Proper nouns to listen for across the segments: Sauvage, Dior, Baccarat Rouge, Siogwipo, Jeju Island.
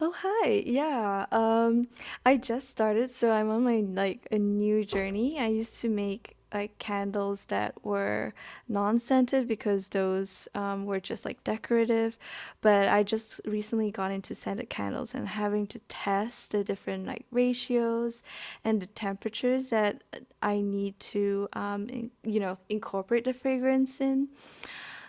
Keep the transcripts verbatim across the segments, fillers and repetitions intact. Oh, hi. Yeah. Um, I just started, so I'm on my like a new journey. I used to make like candles that were non-scented because those um, were just like decorative, but I just recently got into scented candles and having to test the different like ratios and the temperatures that I need to um, in- you know, incorporate the fragrance in.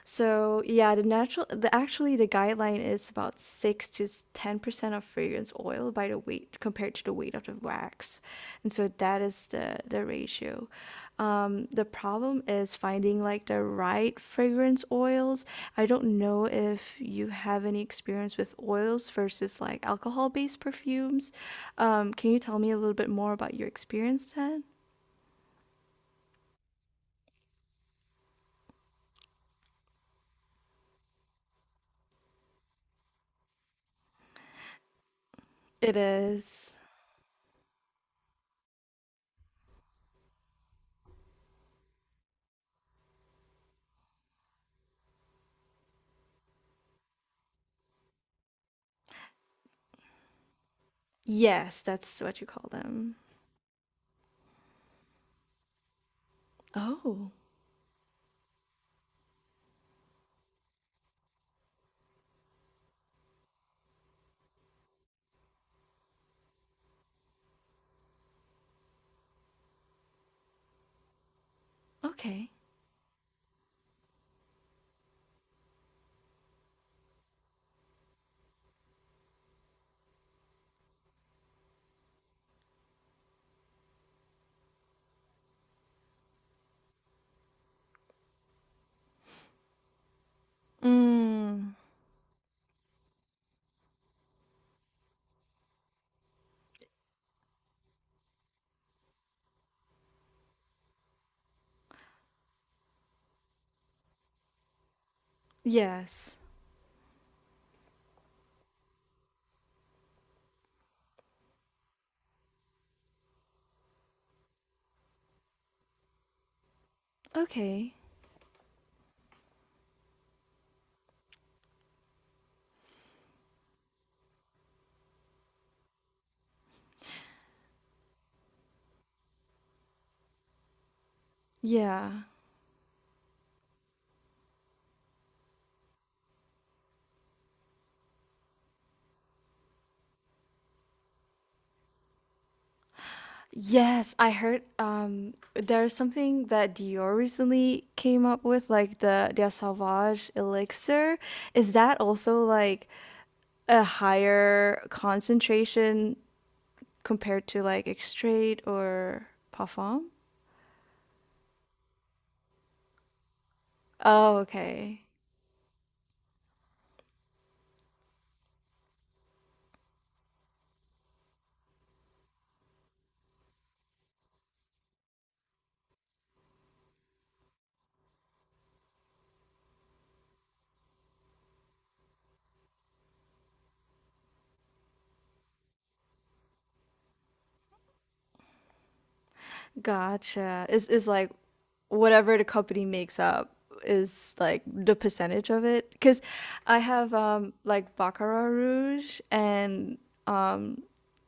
So yeah, the natural, the actually the guideline is about six to ten percent of fragrance oil by the weight compared to the weight of the wax, and so that is the the ratio. Um, the problem is finding like the right fragrance oils. I don't know if you have any experience with oils versus like alcohol-based perfumes. Um, can you tell me a little bit more about your experience then? It is. Yes, that's what you call them. Oh, okay. Mm, yes. Okay. Yeah. Yes, I heard um there's something that Dior recently came up with, like the their Sauvage elixir. Is that also like a higher concentration compared to like X-Straight or Parfum? Oh, okay. Gotcha. Is is like whatever the company makes up is like the percentage of it? Because I have um like Baccarat Rouge and um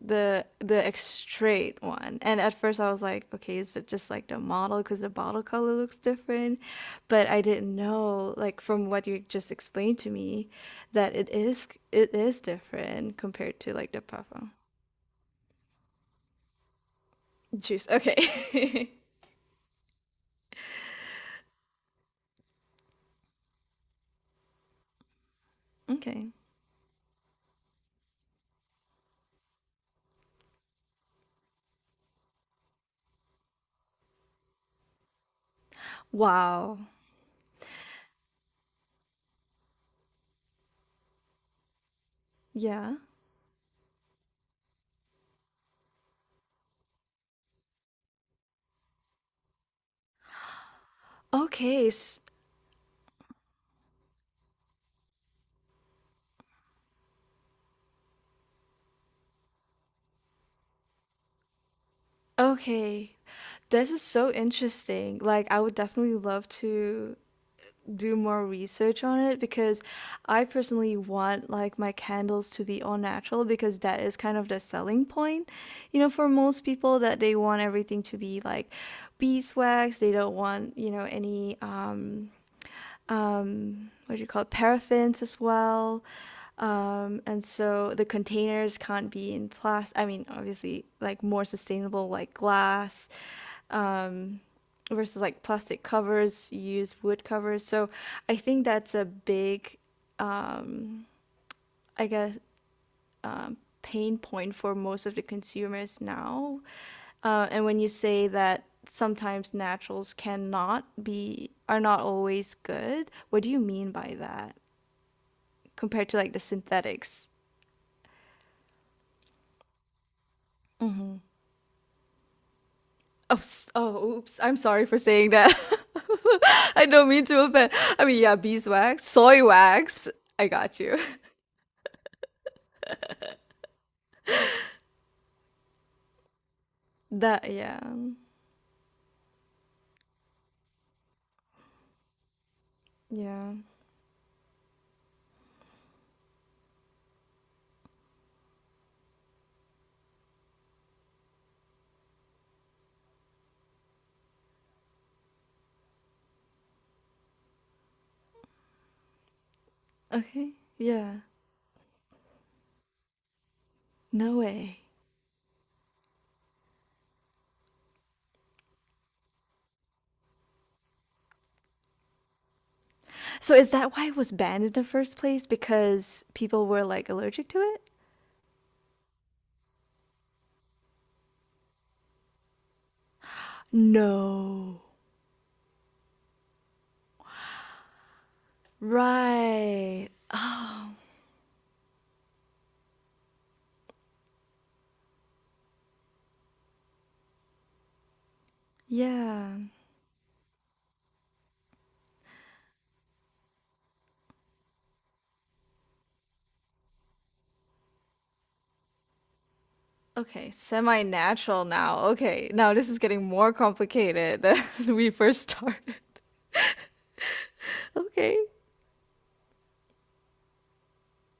the the extrait one. And at first I was like, okay, is it just like the model because the bottle color looks different? But I didn't know like from what you just explained to me that it is it is different compared to like the parfum juice. Okay. Okay. Wow. Yeah. Okay, s- okay. This is so interesting. Like, I would definitely love to do more research on it because I personally want like my candles to be all natural because that is kind of the selling point, you know, for most people that they want everything to be like beeswax. They don't want, you know, any um um, what do you call it, paraffins as well. Um, and so the containers can't be in plastic. I mean, obviously, like more sustainable, like glass um, versus like plastic covers, you use wood covers. So I think that's a big, I guess, pain point for most of the consumers now. Uh, and when you say that sometimes naturals cannot be, are not always good, what do you mean by that? Compared to like the synthetics. Oh, oh, oops. I'm sorry for saying that. I don't mean to offend. I mean, yeah, beeswax, soy wax. I got you. That, yeah. Yeah. Okay. Yeah. No way. So is that why it was banned in the first place? Because people were like allergic to it? No. Right. Oh, yeah. Okay, semi natural now. Okay, now this is getting more complicated than we first started. Okay.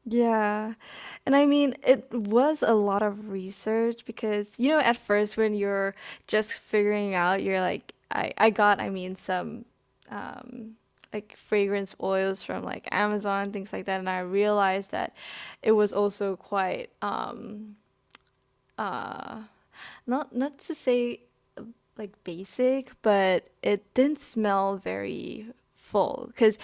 Yeah. And I mean, it was a lot of research because, you know, at first when you're just figuring out, you're like, I, I got, I mean, some um, like fragrance oils from like Amazon, things like that. And I realized that it was also quite, um, uh, not, not to say like basic, but it didn't smell very full because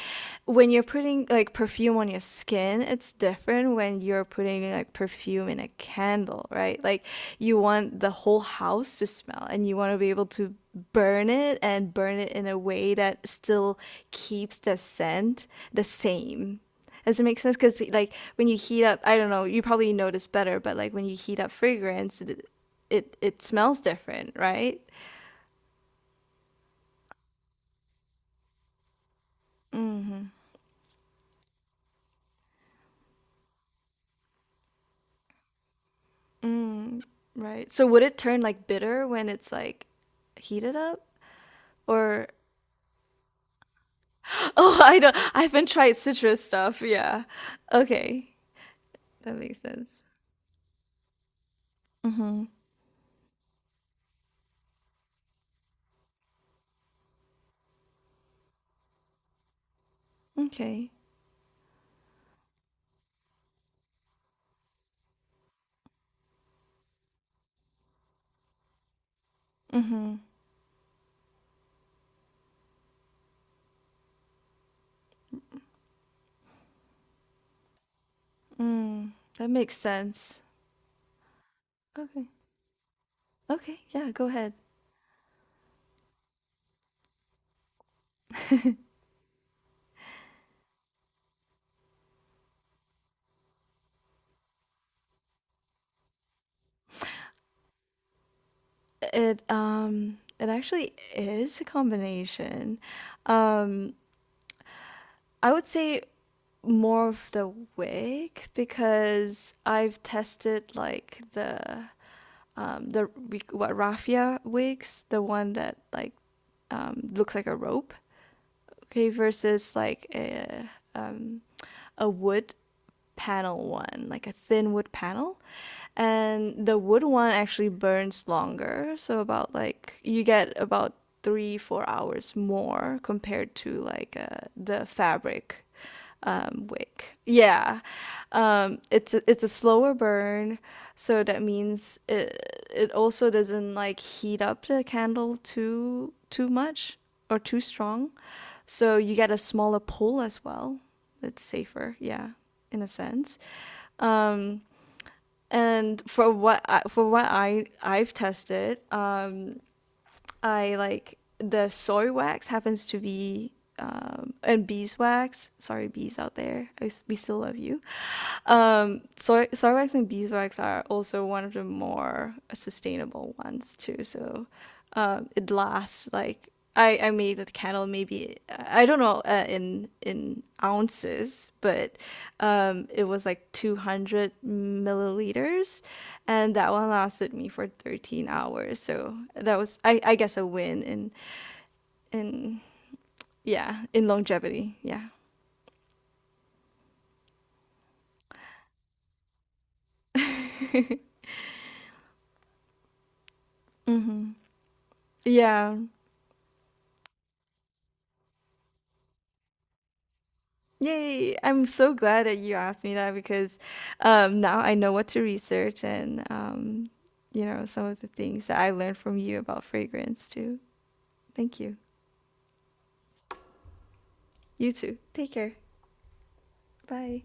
when you're putting like perfume on your skin, it's different when you're putting like perfume in a candle, right? Like, you want the whole house to smell and you want to be able to burn it and burn it in a way that still keeps the scent the same. Does it make sense? Because like when you heat up, I don't know, you probably notice better, but like when you heat up fragrance, it it, it smells different, right? Hmm. Mm, right. So would it turn like bitter when it's like heated up? Or oh, I don't. I haven't tried citrus stuff. Yeah. Okay, that makes sense. Mm-hmm. Okay. Mm-hmm. Mm, that makes sense. Okay. Okay. Yeah. Go ahead. It um. It actually is a combination. Um. I would say more of the wig because I've tested like the um, the what raffia wigs, the one that like um, looks like a rope, okay, versus like a um, a wood panel one, like a thin wood panel, and the wood one actually burns longer, so about like you get about three four hours more compared to like uh, the fabric um, wick. Yeah, um, it's a, it's a slower burn, so that means it it also doesn't like heat up the candle too too much or too strong, so you get a smaller pull as well. It's safer, yeah, in a sense. Um, and for what I, for what I I've tested, um, I like the soy wax happens to be um, and beeswax. Sorry, bees out there. I, s- we still love you. Um, soy, soy wax and beeswax are also one of the more sustainable ones too. So um, it lasts like I, I made a candle, maybe I don't know uh, in in ounces, but um, it was like two hundred milliliters, and that one lasted me for thirteen hours. So that was, I, I guess, a win in in yeah in longevity. Yeah. Mm-hmm. Yeah, yay! I'm so glad that you asked me that because um, now I know what to research and um, you know some of the things that I learned from you about fragrance too. Thank you. You too. Take care. Bye.